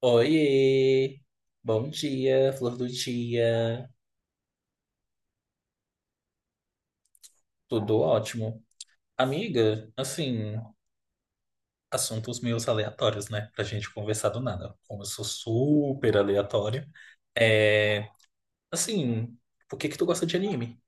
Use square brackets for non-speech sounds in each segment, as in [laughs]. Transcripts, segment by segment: Oiê! Bom dia, flor do dia. Tudo ótimo. Amiga, assim, assuntos meio aleatórios, né? Pra gente conversar do nada. Como eu sou super aleatório. É, assim, por que que tu gosta de anime?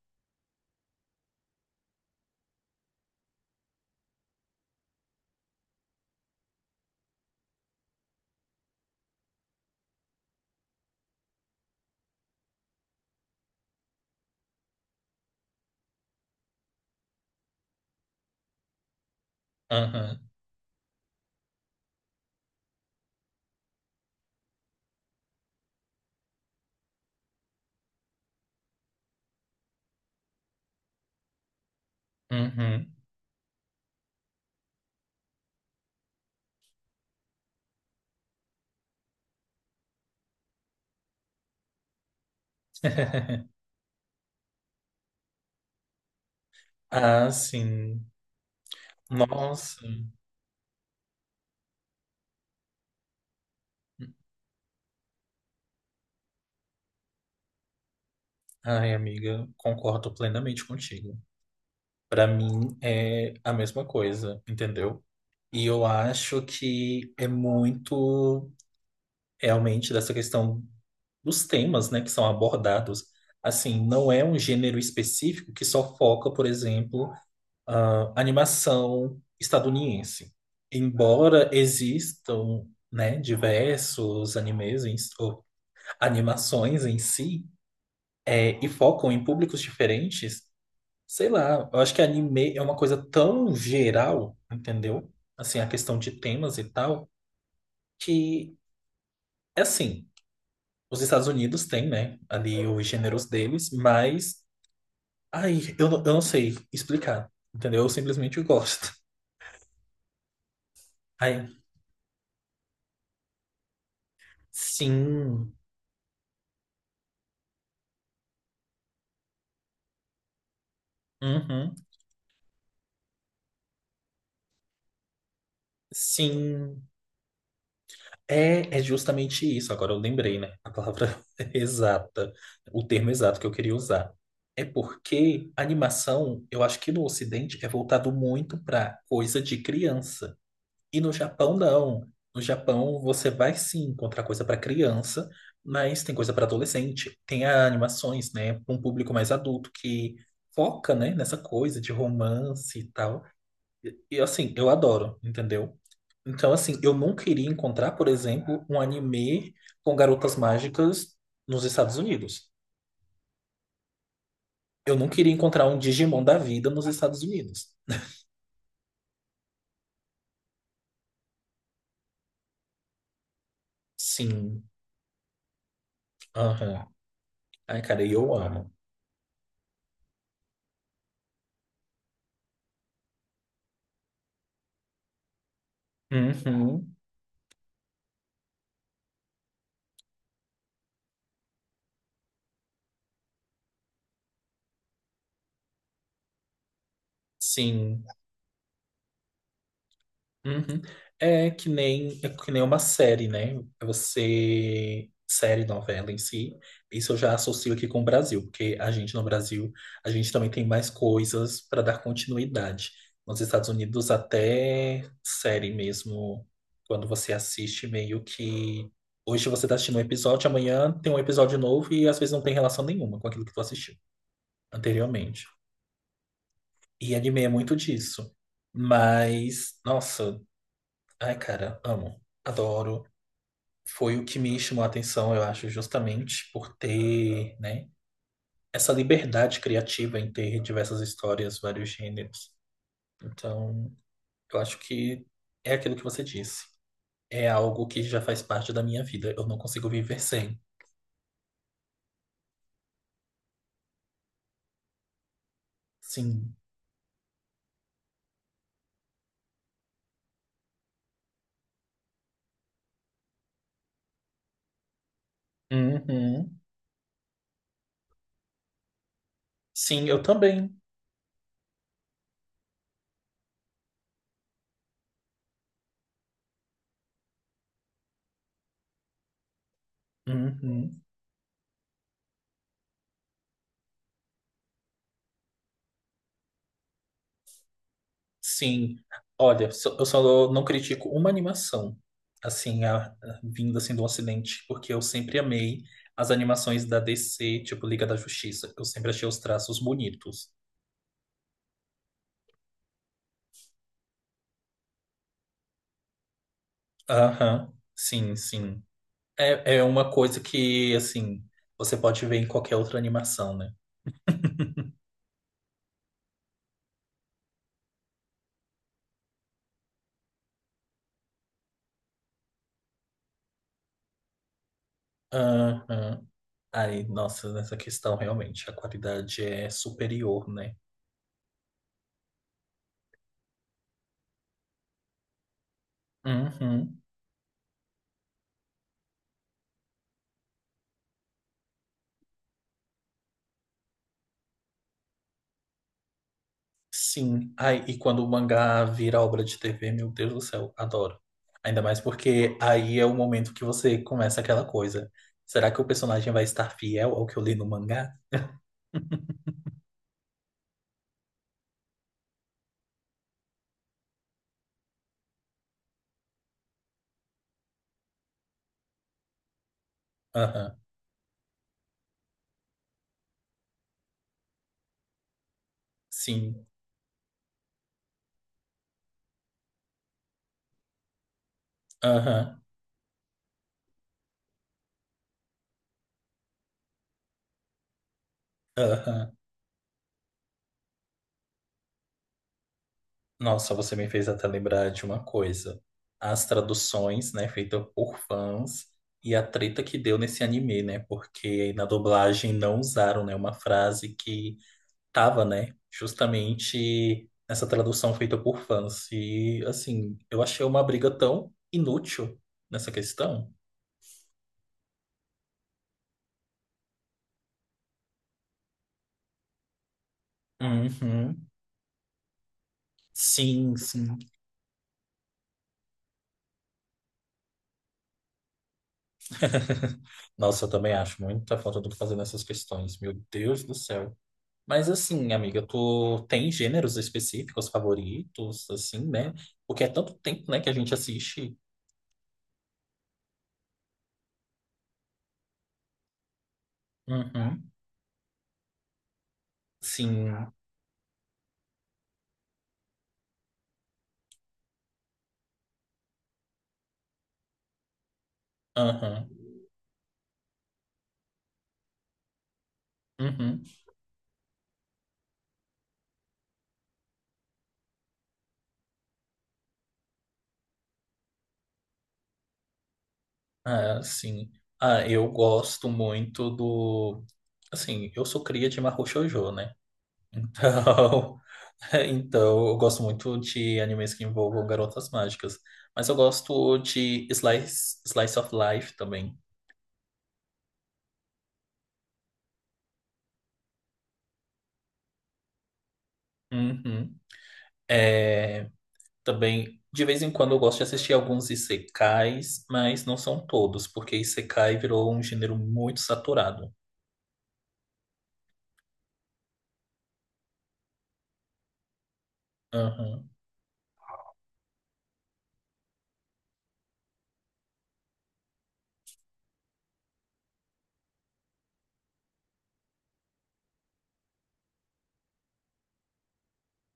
Aham, uhum. [laughs] Ah, sim. Nossa. Ai, amiga, concordo plenamente contigo. Pra mim é a mesma coisa, entendeu? E eu acho que é muito realmente dessa questão dos temas, né, que são abordados. Assim, não é um gênero específico que só foca, por exemplo, a animação estadunidense. Embora existam, né, diversos animes em- ou animações em si, é, e focam em públicos diferentes, sei lá, eu acho que anime é uma coisa tão geral, entendeu? Assim, a questão de temas e tal, que é assim, os Estados Unidos têm, né, ali os gêneros deles, mas, ai, eu não sei explicar, entendeu? Eu simplesmente gosto. [laughs] Ai, sim, uhum, sim, é, é justamente isso. Agora eu lembrei, né, a palavra [laughs] exata, o termo exato que eu queria usar. É porque a animação, eu acho que no Ocidente é voltado muito para coisa de criança. E no Japão, não. No Japão, você vai sim encontrar coisa para criança, mas tem coisa para adolescente. Tem animações, né, para um público mais adulto que foca, né, nessa coisa de romance e tal. E assim, eu adoro, entendeu? Então, assim, eu não queria encontrar, por exemplo, um anime com garotas mágicas nos Estados Unidos. Eu não queria encontrar um Digimon da vida nos Estados Unidos. Sim. Aham. Ai, cara, e eu amo. Uhum. Sim. Uhum. É que nem uma série, né? Você. Série, novela em si. Isso eu já associo aqui com o Brasil, porque a gente no Brasil, a gente também tem mais coisas para dar continuidade. Nos Estados Unidos, até série mesmo, quando você assiste, meio que. Hoje você está assistindo um episódio, amanhã tem um episódio novo e às vezes não tem relação nenhuma com aquilo que tu assistiu anteriormente. E anime é muito disso. Mas, nossa. Ai, cara, amo, adoro. Foi o que me chamou a atenção, eu acho, justamente por ter, né, essa liberdade criativa em ter diversas histórias, vários gêneros. Então, eu acho que é aquilo que você disse. É algo que já faz parte da minha vida. Eu não consigo viver sem. Sim. Uhum. Sim, eu também. Uhum. Sim, olha, eu só não critico uma animação, assim, vinda assim do Ocidente, porque eu sempre amei as animações da DC, tipo Liga da Justiça. Eu sempre achei os traços bonitos. Aham, sim, sim. É, é uma coisa que, assim, você pode ver em qualquer outra animação, né? Aham. Aí, nossa, nessa questão, realmente, a qualidade é superior, né? Uhum. Sim. Ai, e quando o mangá vira obra de TV, meu Deus do céu, adoro. Ainda mais porque aí é o momento que você começa aquela coisa. Será que o personagem vai estar fiel ao que eu li no mangá? [laughs] Aham, sim. Aham, aham. Nossa, você me fez até lembrar de uma coisa. As traduções, né, feitas por fãs e a treta que deu nesse anime, né? Porque na dublagem não usaram, né, uma frase que tava, né? Justamente essa tradução feita por fãs. E, assim, eu achei uma briga tão inútil nessa questão. Uhum. Sim, sim. Nossa, eu também acho muita falta do que fazer nessas questões. Meu Deus do céu. Mas, assim, amiga, tu tem gêneros específicos favoritos, assim, né? Porque é tanto tempo, né, que a gente assiste. Uhum. Sim. Aham. Uhum. Ah, sim. Ah, eu gosto muito do. Assim, eu sou cria de Mahou Shoujo, né? Então, [laughs] então eu gosto muito de animes que envolvam garotas mágicas. Mas eu gosto de Slice of Life também. Uhum. É, também, de vez em quando eu gosto de assistir alguns isekais, mas não são todos, porque isekai virou um gênero muito saturado. Uhum.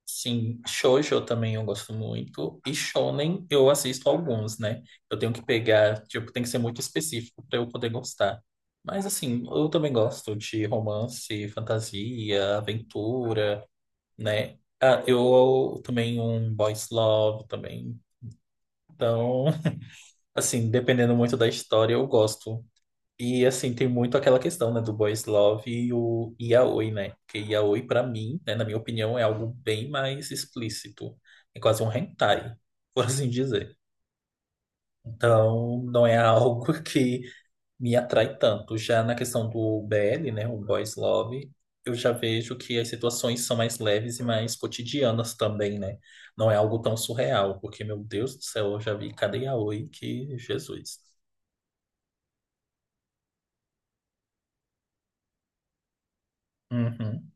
Sim, shoujo também eu gosto muito. E shonen eu assisto alguns, né? Eu tenho que pegar, tipo, tem que ser muito específico para eu poder gostar. Mas assim, eu também gosto de romance, fantasia, aventura, né? Ah, eu também um boys love também. Então, [laughs] assim, dependendo muito da história, eu gosto. E assim, tem muito aquela questão, né, do boys love e o yaoi, né? Porque yaoi, pra mim, né, na minha opinião, é algo bem mais explícito. É quase um hentai, [laughs] por assim dizer. Então, não é [laughs] algo que me atrai tanto. Já na questão do BL, né, o boys love, eu já vejo que as situações são mais leves e mais cotidianas também, né? Não é algo tão surreal, porque, meu Deus do céu, eu já vi cada yaoi que Jesus. Uhum.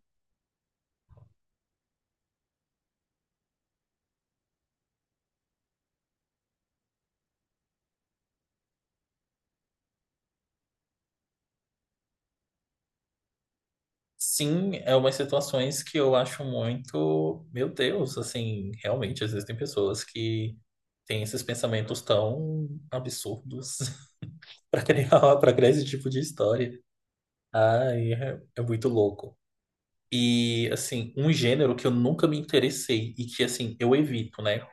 Sim, é umas situações que eu acho muito, meu Deus, assim, realmente existem pessoas que têm esses pensamentos tão absurdos [laughs] para criar esse tipo de história. Ai, é, é muito louco. E assim, um gênero que eu nunca me interessei e que assim, eu evito, né?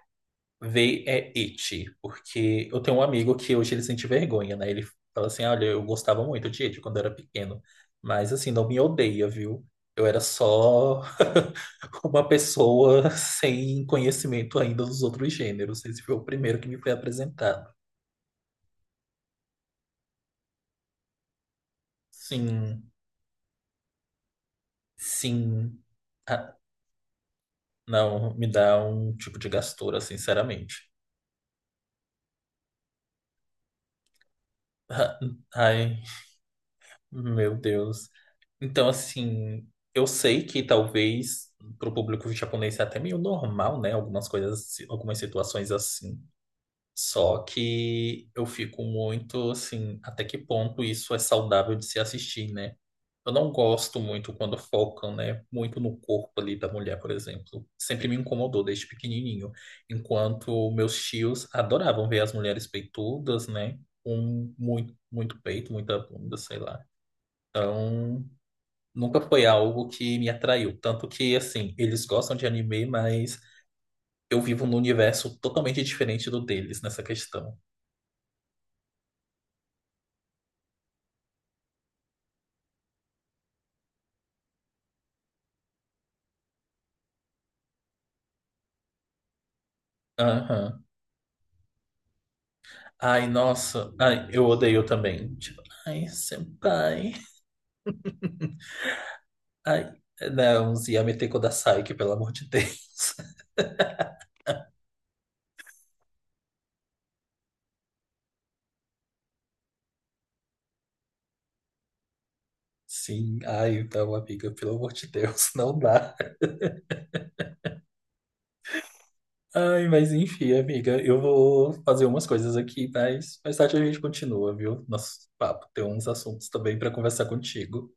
Vê é It, porque eu tenho um amigo que hoje ele sente vergonha, né? Ele fala assim: olha, eu gostava muito de It quando eu era pequeno, mas assim, não me odeia, viu? Eu era só [laughs] uma pessoa sem conhecimento ainda dos outros gêneros. Esse foi o primeiro que me foi apresentado. Sim, sim. Ah, não, me dá um tipo de gastura, sinceramente. Ah, Ai. Meu Deus. Então, assim, eu sei que talvez para o público japonês é até meio normal, né? Algumas coisas, algumas situações assim. Só que eu fico muito assim, até que ponto isso é saudável de se assistir, né? Eu não gosto muito quando focam, né? Muito no corpo ali da mulher, por exemplo. Sempre me incomodou desde pequenininho. Enquanto meus tios adoravam ver as mulheres peitudas, né? Com muito, muito peito, muita bunda, sei lá. Então, nunca foi algo que me atraiu. Tanto que, assim, eles gostam de anime, mas eu vivo num universo totalmente diferente do deles nessa questão. Aham. Ai, nossa. Ai, eu odeio também. Tipo, ai, senpai. Ai, não, Yamete Kodasai, que pelo amor de Deus. [laughs] Sim, ai, então, amiga, pelo amor de Deus, não dá. Ai, mas enfim, amiga, eu vou fazer umas coisas aqui, mas mais tarde a gente continua, viu? Nosso papo, tem uns assuntos também para conversar contigo.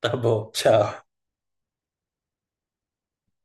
Tá bom, tchau.